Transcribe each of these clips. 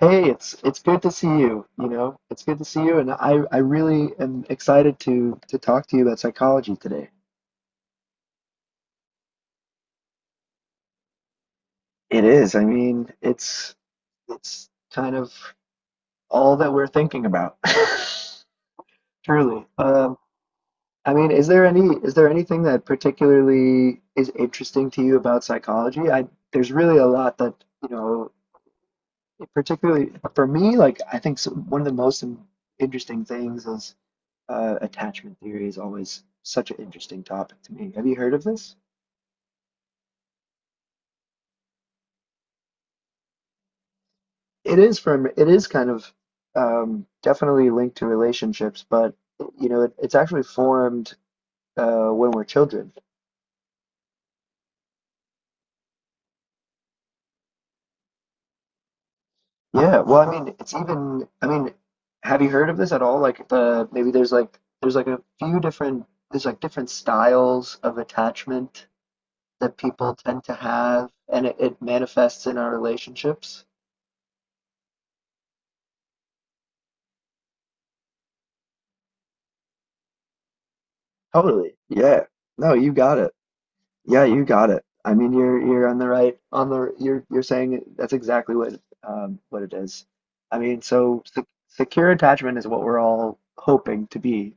Hey, it's good to see you. You know, it's good to see you, and I really am excited to talk to you about psychology today. It is. I mean, it's kind of all that we're thinking about. Truly. I mean, is there anything that particularly is interesting to you about psychology? I There's really a lot that, you know, particularly for me, like I think one of the interesting things is attachment theory is always such an interesting topic to me. Have you heard of this? It is kind of definitely linked to relationships, but you know, it's actually formed when we're children. Yeah, well, I mean, have you heard of this at all? There's like a few different, there's like different styles of attachment that people tend to have, and it manifests in our relationships. Totally. Yeah. No, you got it. Yeah, you got it. I mean, you're on the right on the you're that's exactly what it is. I mean, so se secure attachment is what we're all hoping to be.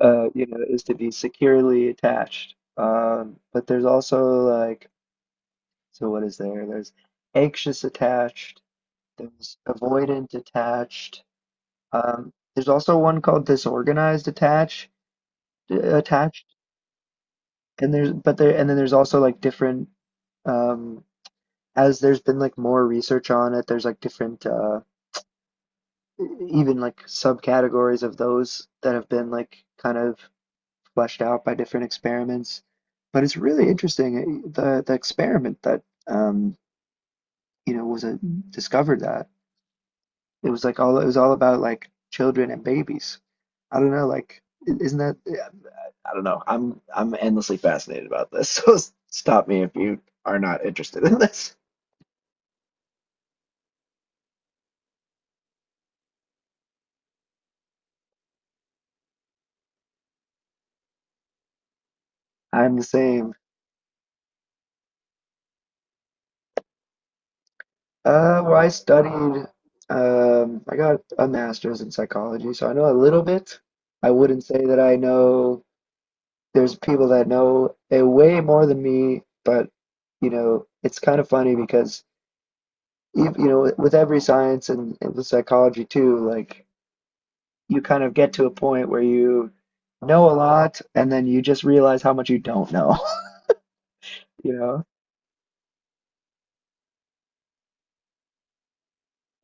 You know, is to be securely attached. But there's also like, So what is there? There's anxious attached. There's avoidant attached. There's also one called disorganized attached. And then there's also like different. um as there's been like more research on it, there's like different even like subcategories of those that have been like kind of fleshed out by different experiments. But it's really interesting the experiment that you know was a, discovered that it was like all it was all about like children and babies. I don't know, like isn't that eh, I don't know. I'm endlessly fascinated about this. So stop me if you are not interested in this. I'm the same. Well, I got a master's in psychology, so I know a little bit. I wouldn't say that I know, There's people that know a way more than me, but, you know, it's kind of funny because, you know, with every science and with psychology too, like, you kind of get to a point where you know a lot and then you just realize how much you don't know, you know?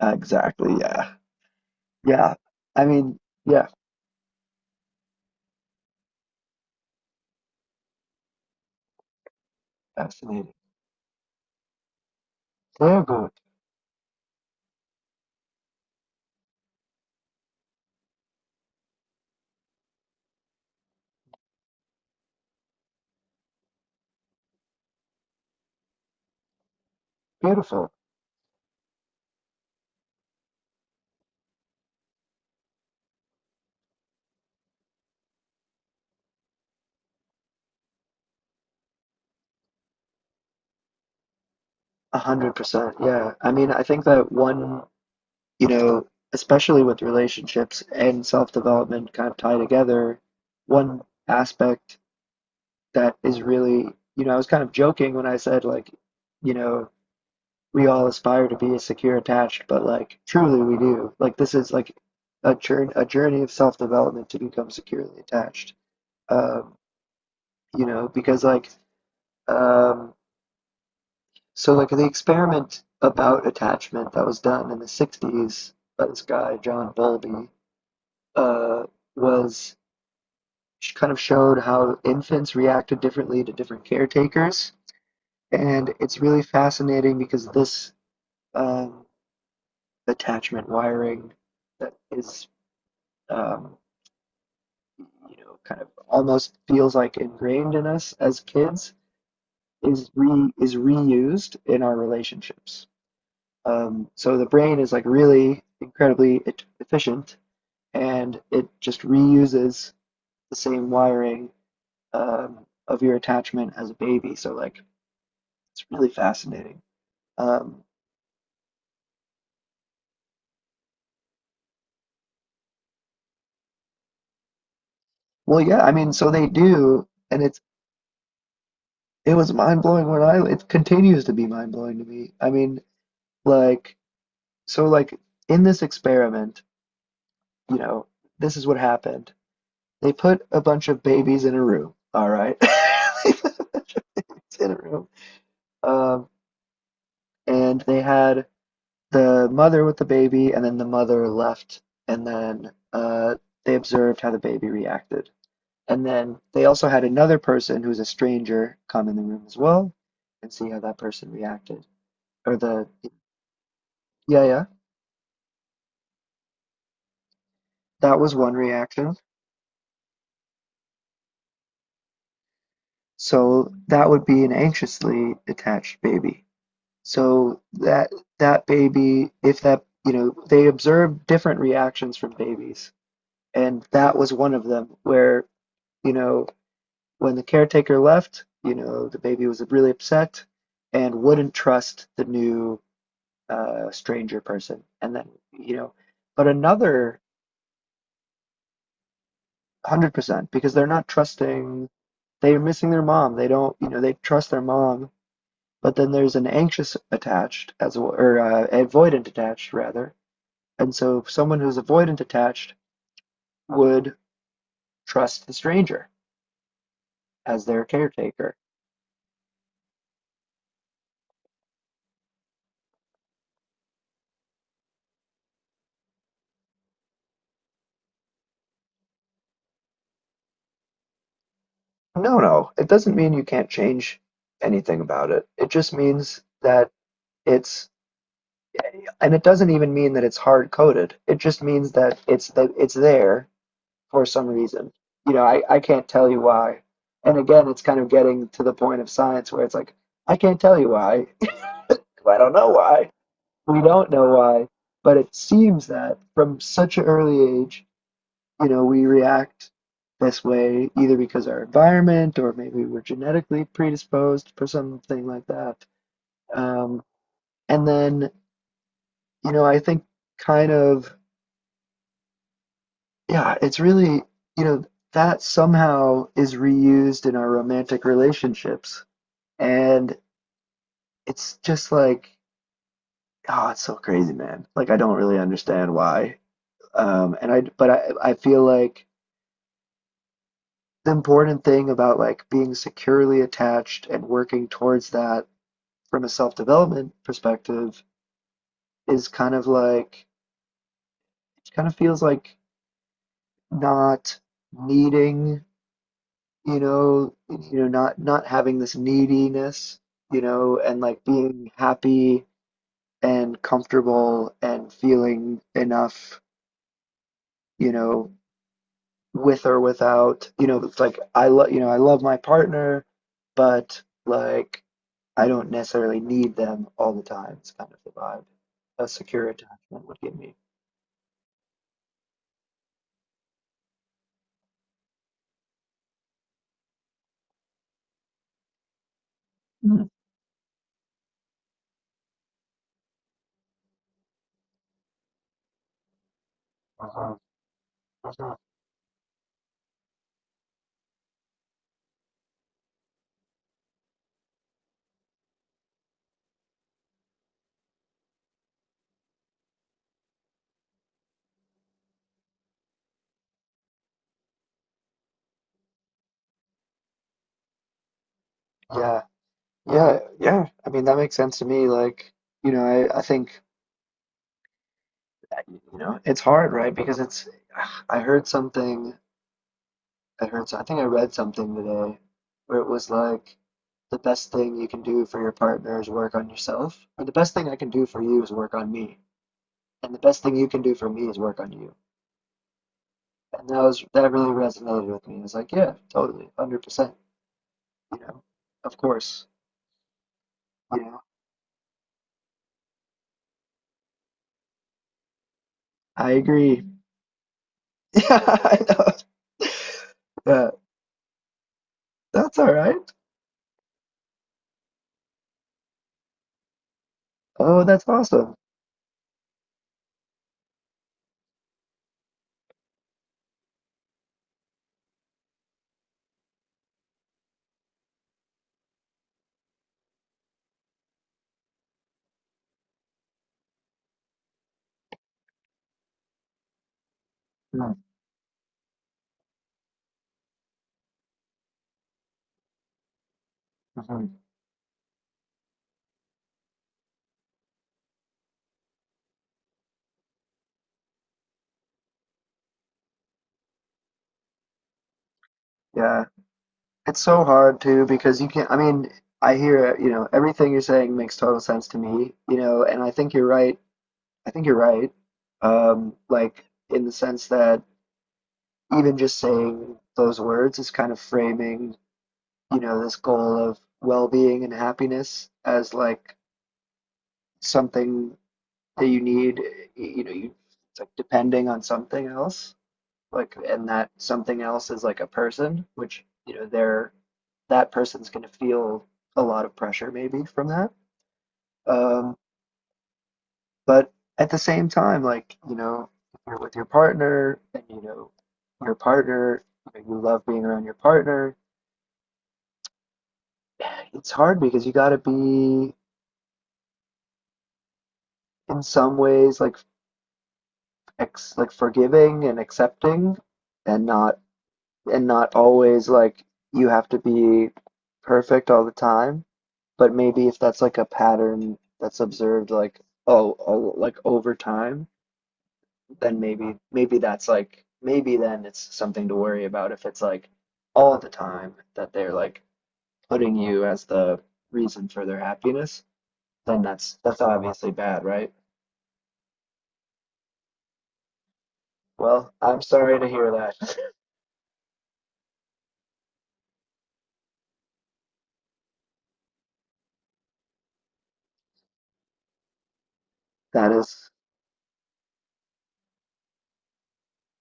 Exactly, yeah. Yeah. I mean, yeah, fascinating. Very good. Beautiful. 100%. Yeah. I mean, I think that one, you know, especially with relationships and self-development kind of tie together, one aspect that is really, you know, I was kind of joking when I said, like, you know, we all aspire to be secure attached, but like, truly we do. Like, this is like a journey of self-development to become securely attached. Um, you know, because like, um, So like the experiment about attachment that was done in the '60s by this guy John Bowlby uh, was kind of showed how infants reacted differently to different caretakers, and it's really fascinating because this um, attachment wiring that is um, you know kind of almost feels like ingrained in us as kids is reused in our relationships. So the brain is like really incredibly efficient, and it just reuses the same wiring of your attachment as a baby. So like it's really fascinating. Um, well, yeah, I mean, so they do, and it was mind blowing when I it continues to be mind blowing to me. I mean, like so like in this experiment, you know, this is what happened. They put a bunch of babies in a room. All right, they put a bunch of babies in a room. Um, and they had the mother with the baby, and then the mother left, and then they observed how the baby reacted. And then they also had another person who's a stranger come in the room as well and see how that person reacted. Or the, yeah, that was one reaction. So that would be an anxiously attached baby. So that baby, if that, you know, they observed different reactions from babies, and that was one of them where, you know, when the caretaker left, you know, the baby was really upset and wouldn't trust the new stranger person. And then, you know, but another 100% because they're not trusting, they're missing their mom. They don't, you know, they trust their mom, but then there's an anxious attached as well, or avoidant attached rather. And so someone who's avoidant attached would trust the stranger as their caretaker. No, no. It doesn't mean you can't change anything about it. It just means that it's, and it doesn't even mean that it's hard coded. It just means that it's there for some reason. You know, I can't tell you why. And again, it's kind of getting to the point of science where it's like, I can't tell you why. I don't know why. We don't know why. But it seems that from such an early age, you know, we react this way either because our environment or maybe we're genetically predisposed for something like that. Um, and then, you know, I think kind of, yeah, it's really, you know, that somehow is reused in our romantic relationships. And it's just like, oh, it's so crazy, man. Like, I don't really understand why. And I, but I feel like the important thing about like being securely attached and working towards that from a self development perspective is kind of feels like not needing you know not having this neediness you know and like being happy and comfortable and feeling enough you know with or without it's like I love you know I love my partner but like I don't necessarily need them all the time. It's kind of the vibe a secure attachment would give me. Mm. Yeah, yeah. I mean, that makes sense to me. Like, you know, I think, you know, it's hard, right? I heard something, I think I read something today where it was like, the best thing you can do for your partner is work on yourself, or the best thing I can do for you is work on me, and the best thing you can do for me is work on you. And that really resonated with me. It's like, yeah, totally, 100%, you know, of course, you know, I agree. Yeah, I know. Yeah. That's all right. Oh, that's awesome. Mm-hmm. Yeah. It's so hard too because you can't, I mean, I hear, you know, everything you're saying makes total sense to me, you know, and I think you're right. I think you're right. Like in the sense that even just saying those words is kind of framing, you know, this goal of well-being and happiness as like something that you need, you know, you it's like depending on something else. Like and that something else is like a person which you know they're that person's going to feel a lot of pressure maybe from that um but at the same time like you know if you're with your partner and you know your partner you, know, you love being around your partner. It's hard because you got to be in some ways like like forgiving and accepting and not and not always like you have to be perfect all the time. But maybe if that's like a pattern that's observed, like oh, like over time, then maybe that's like maybe then it's something to worry about if it's like all the time that they're like putting you as the reason for their happiness, then that's obviously bad, right? Well, I'm sorry to hear that. That is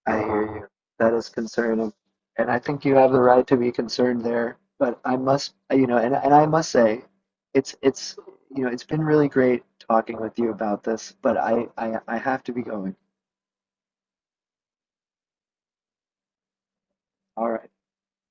I hear you. That is concerning. And I think you have the right to be concerned there. But I must, you know, and I must say, it's you know, it's been really great talking with you about this, but I have to be going. All right.